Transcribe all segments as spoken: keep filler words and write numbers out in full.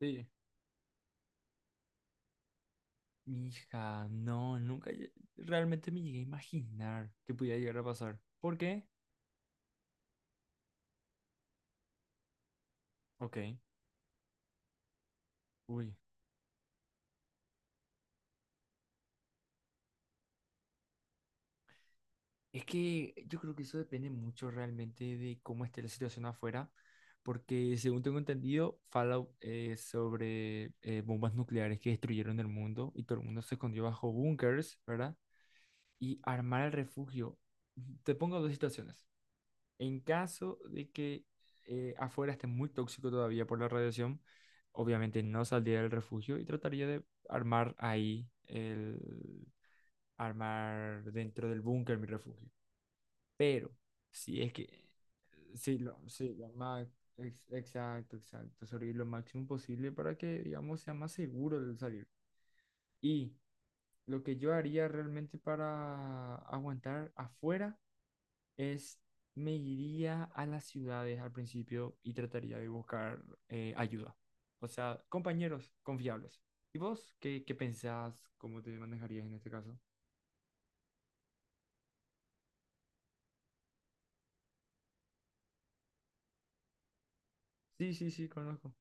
Sí. Hija, no, nunca lle- realmente me llegué a imaginar que pudiera llegar a pasar. ¿Por qué? Ok, uy. Es que yo creo que eso depende mucho realmente de cómo esté la situación afuera, porque según tengo entendido, Fallout es sobre eh, bombas nucleares que destruyeron el mundo y todo el mundo se escondió bajo búnkers, ¿verdad? Y armar el refugio. Te pongo dos situaciones. En caso de que eh, afuera esté muy tóxico todavía por la radiación, obviamente no saldría del refugio y trataría de armar ahí, el, armar dentro del búnker mi refugio. Pero si es que, sí, lo, sí, lo más, ex- exacto, exacto, sobrevivir lo máximo posible para que, digamos, sea más seguro el salir. Y lo que yo haría realmente para aguantar afuera es me iría a las ciudades al principio y trataría de buscar eh, ayuda. O sea, compañeros confiables. ¿Y vos qué, qué pensás? ¿Cómo te manejarías en este caso? Sí, sí, sí, conozco.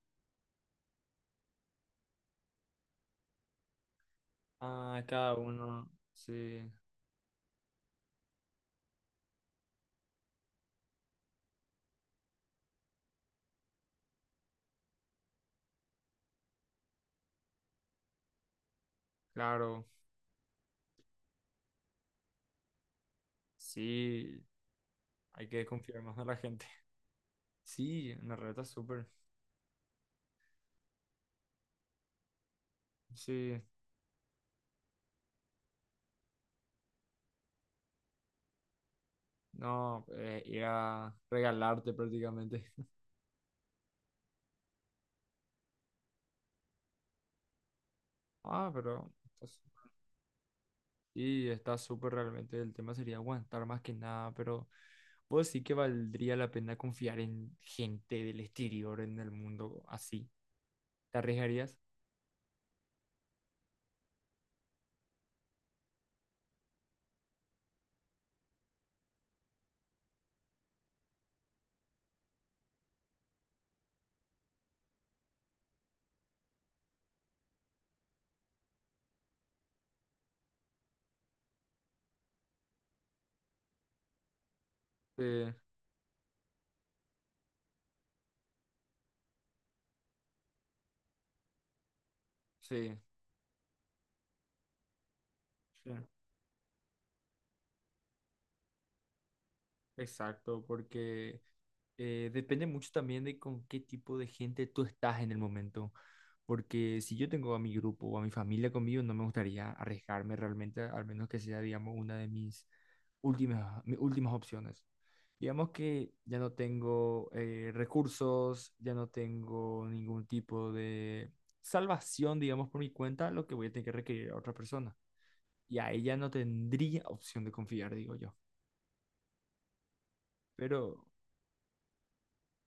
Ah, cada uno, sí, claro. Sí, hay que confiar más en la gente. Sí, en la reta súper. Sí, no, eh, ir a regalarte prácticamente. Ah, pero pues, y está súper realmente, el tema sería aguantar más que nada, pero pues sí que valdría la pena confiar en gente del exterior, en el mundo así. ¿Te arriesgarías? Sí, sí, sí. Exacto, porque eh, depende mucho también de con qué tipo de gente tú estás en el momento. Porque si yo tengo a mi grupo o a mi familia conmigo, no me gustaría arriesgarme realmente, al menos que sea, digamos, una de mis últimas, mis últimas opciones. Digamos que ya no tengo eh, recursos, ya no tengo ningún tipo de salvación, digamos, por mi cuenta, lo que voy a tener que requerir a otra persona. Y a ella no tendría opción de confiar, digo yo. Pero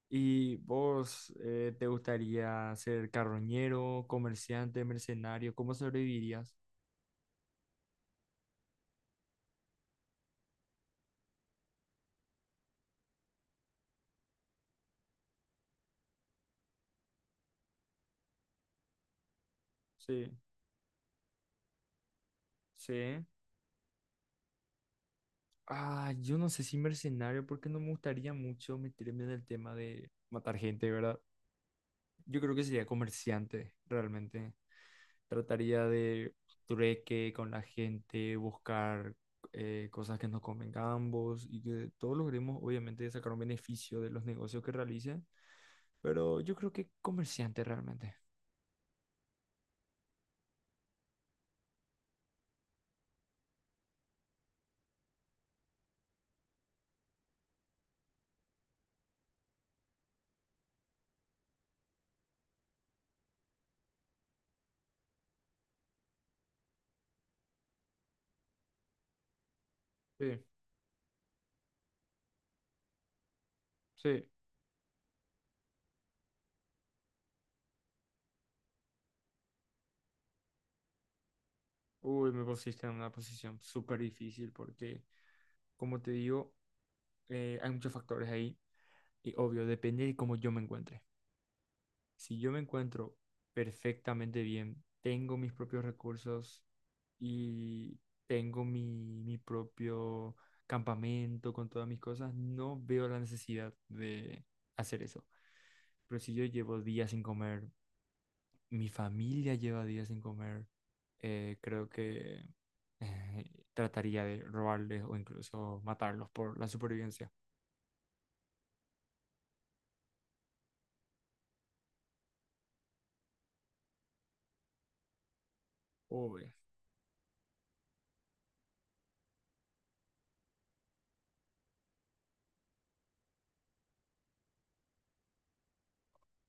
¿y vos eh, te gustaría ser carroñero, comerciante, mercenario? ¿Cómo sobrevivirías? Sí, sí. Ah, yo no sé si mercenario, porque no me gustaría mucho meterme en el tema de matar gente, ¿verdad? Yo creo que sería comerciante, realmente. Trataría de trueque con la gente, buscar eh, cosas que nos convengan a ambos y que todos logremos, obviamente, sacar un beneficio de los negocios que realicen. Pero yo creo que comerciante, realmente. Sí. Sí, uy, me pusiste en una posición súper difícil porque, como te digo, eh, hay muchos factores ahí y obvio, depende de cómo yo me encuentre. Si yo me encuentro perfectamente bien, tengo mis propios recursos y tengo mi, mi propio campamento con todas mis cosas, no veo la necesidad de hacer eso. Pero si yo llevo días sin comer, mi familia lleva días sin comer, eh, creo que eh, trataría de robarles o incluso matarlos por la supervivencia. Obvio,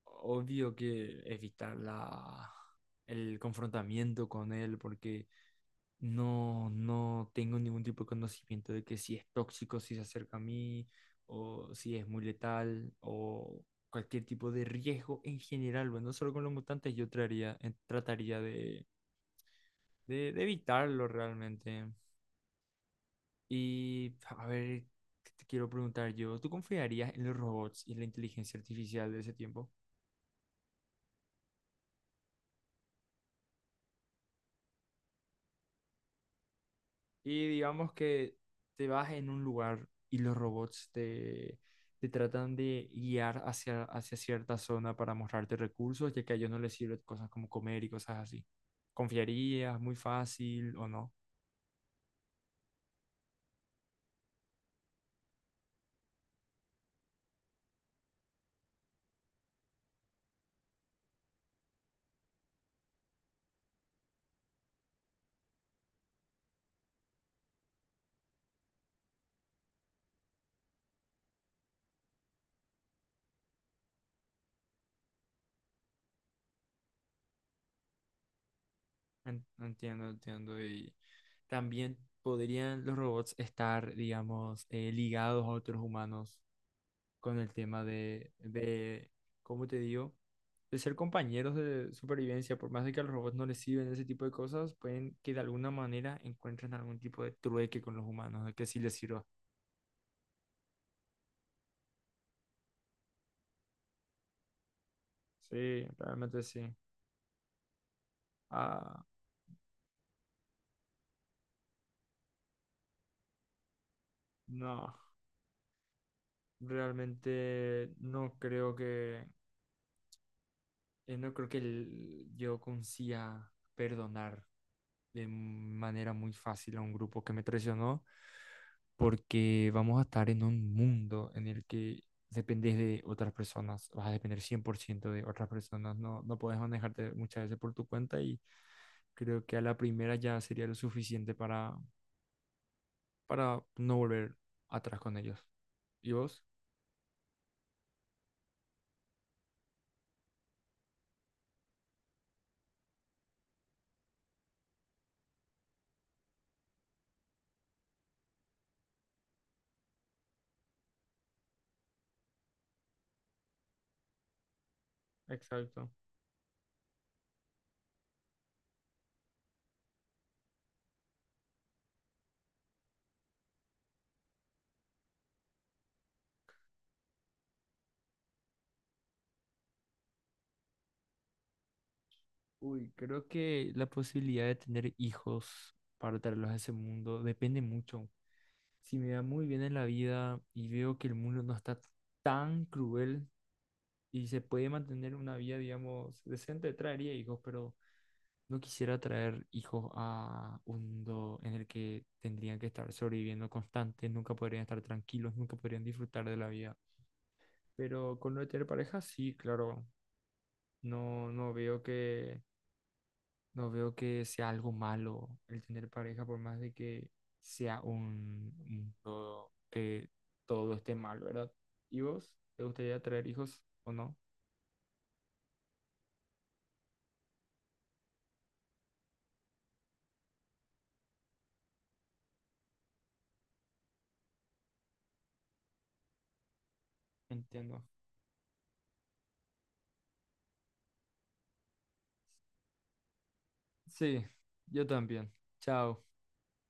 obvio que evitar la, el confrontamiento con él porque no, no tengo ningún tipo de conocimiento de que si es tóxico, si se acerca a mí o si es muy letal o cualquier tipo de riesgo en general. Bueno, no solo con los mutantes, yo traería, eh, trataría de, de, de evitarlo realmente. Y a ver, ¿qué te quiero preguntar yo? ¿Tú confiarías en los robots y en la inteligencia artificial de ese tiempo? Y digamos que te vas en un lugar y los robots te, te tratan de guiar hacia, hacia cierta zona para mostrarte recursos, ya que a ellos no les sirven cosas como comer y cosas así. ¿Confiarías muy fácil o no? En- Entiendo, entiendo. Y también podrían los robots estar, digamos, eh, ligados a otros humanos con el tema de, de, ¿cómo te digo? De ser compañeros de supervivencia, por más de que a los robots no les sirven ese tipo de cosas, pueden que de alguna manera encuentren algún tipo de trueque con los humanos, de que sí les sirva. Sí, realmente sí. Ah, no, realmente no creo que, eh, no creo que el- yo consiga perdonar de manera muy fácil a un grupo que me traicionó porque vamos a estar en un mundo en el que dependes de otras personas, vas a depender cien por ciento de otras personas, no, no puedes manejarte muchas veces por tu cuenta y creo que a la primera ya sería lo suficiente para, para no volver atrás con ellos. ¿Y vos? Exacto. Uy, creo que la posibilidad de tener hijos para traerlos a ese mundo depende mucho. Si me va muy bien en la vida y veo que el mundo no está tan cruel y se puede mantener una vida, digamos, decente, traería hijos, pero no quisiera traer hijos a un mundo en el que tendrían que estar sobreviviendo constantes, nunca podrían estar tranquilos, nunca podrían disfrutar de la vida. Pero con lo de tener pareja, sí, claro, no, no veo que, no veo que sea algo malo el tener pareja, por más de que sea un mundo que todo esté mal, ¿verdad? ¿Y vos? ¿Te gustaría traer hijos o no? Entiendo. Sí, yo también. Chao.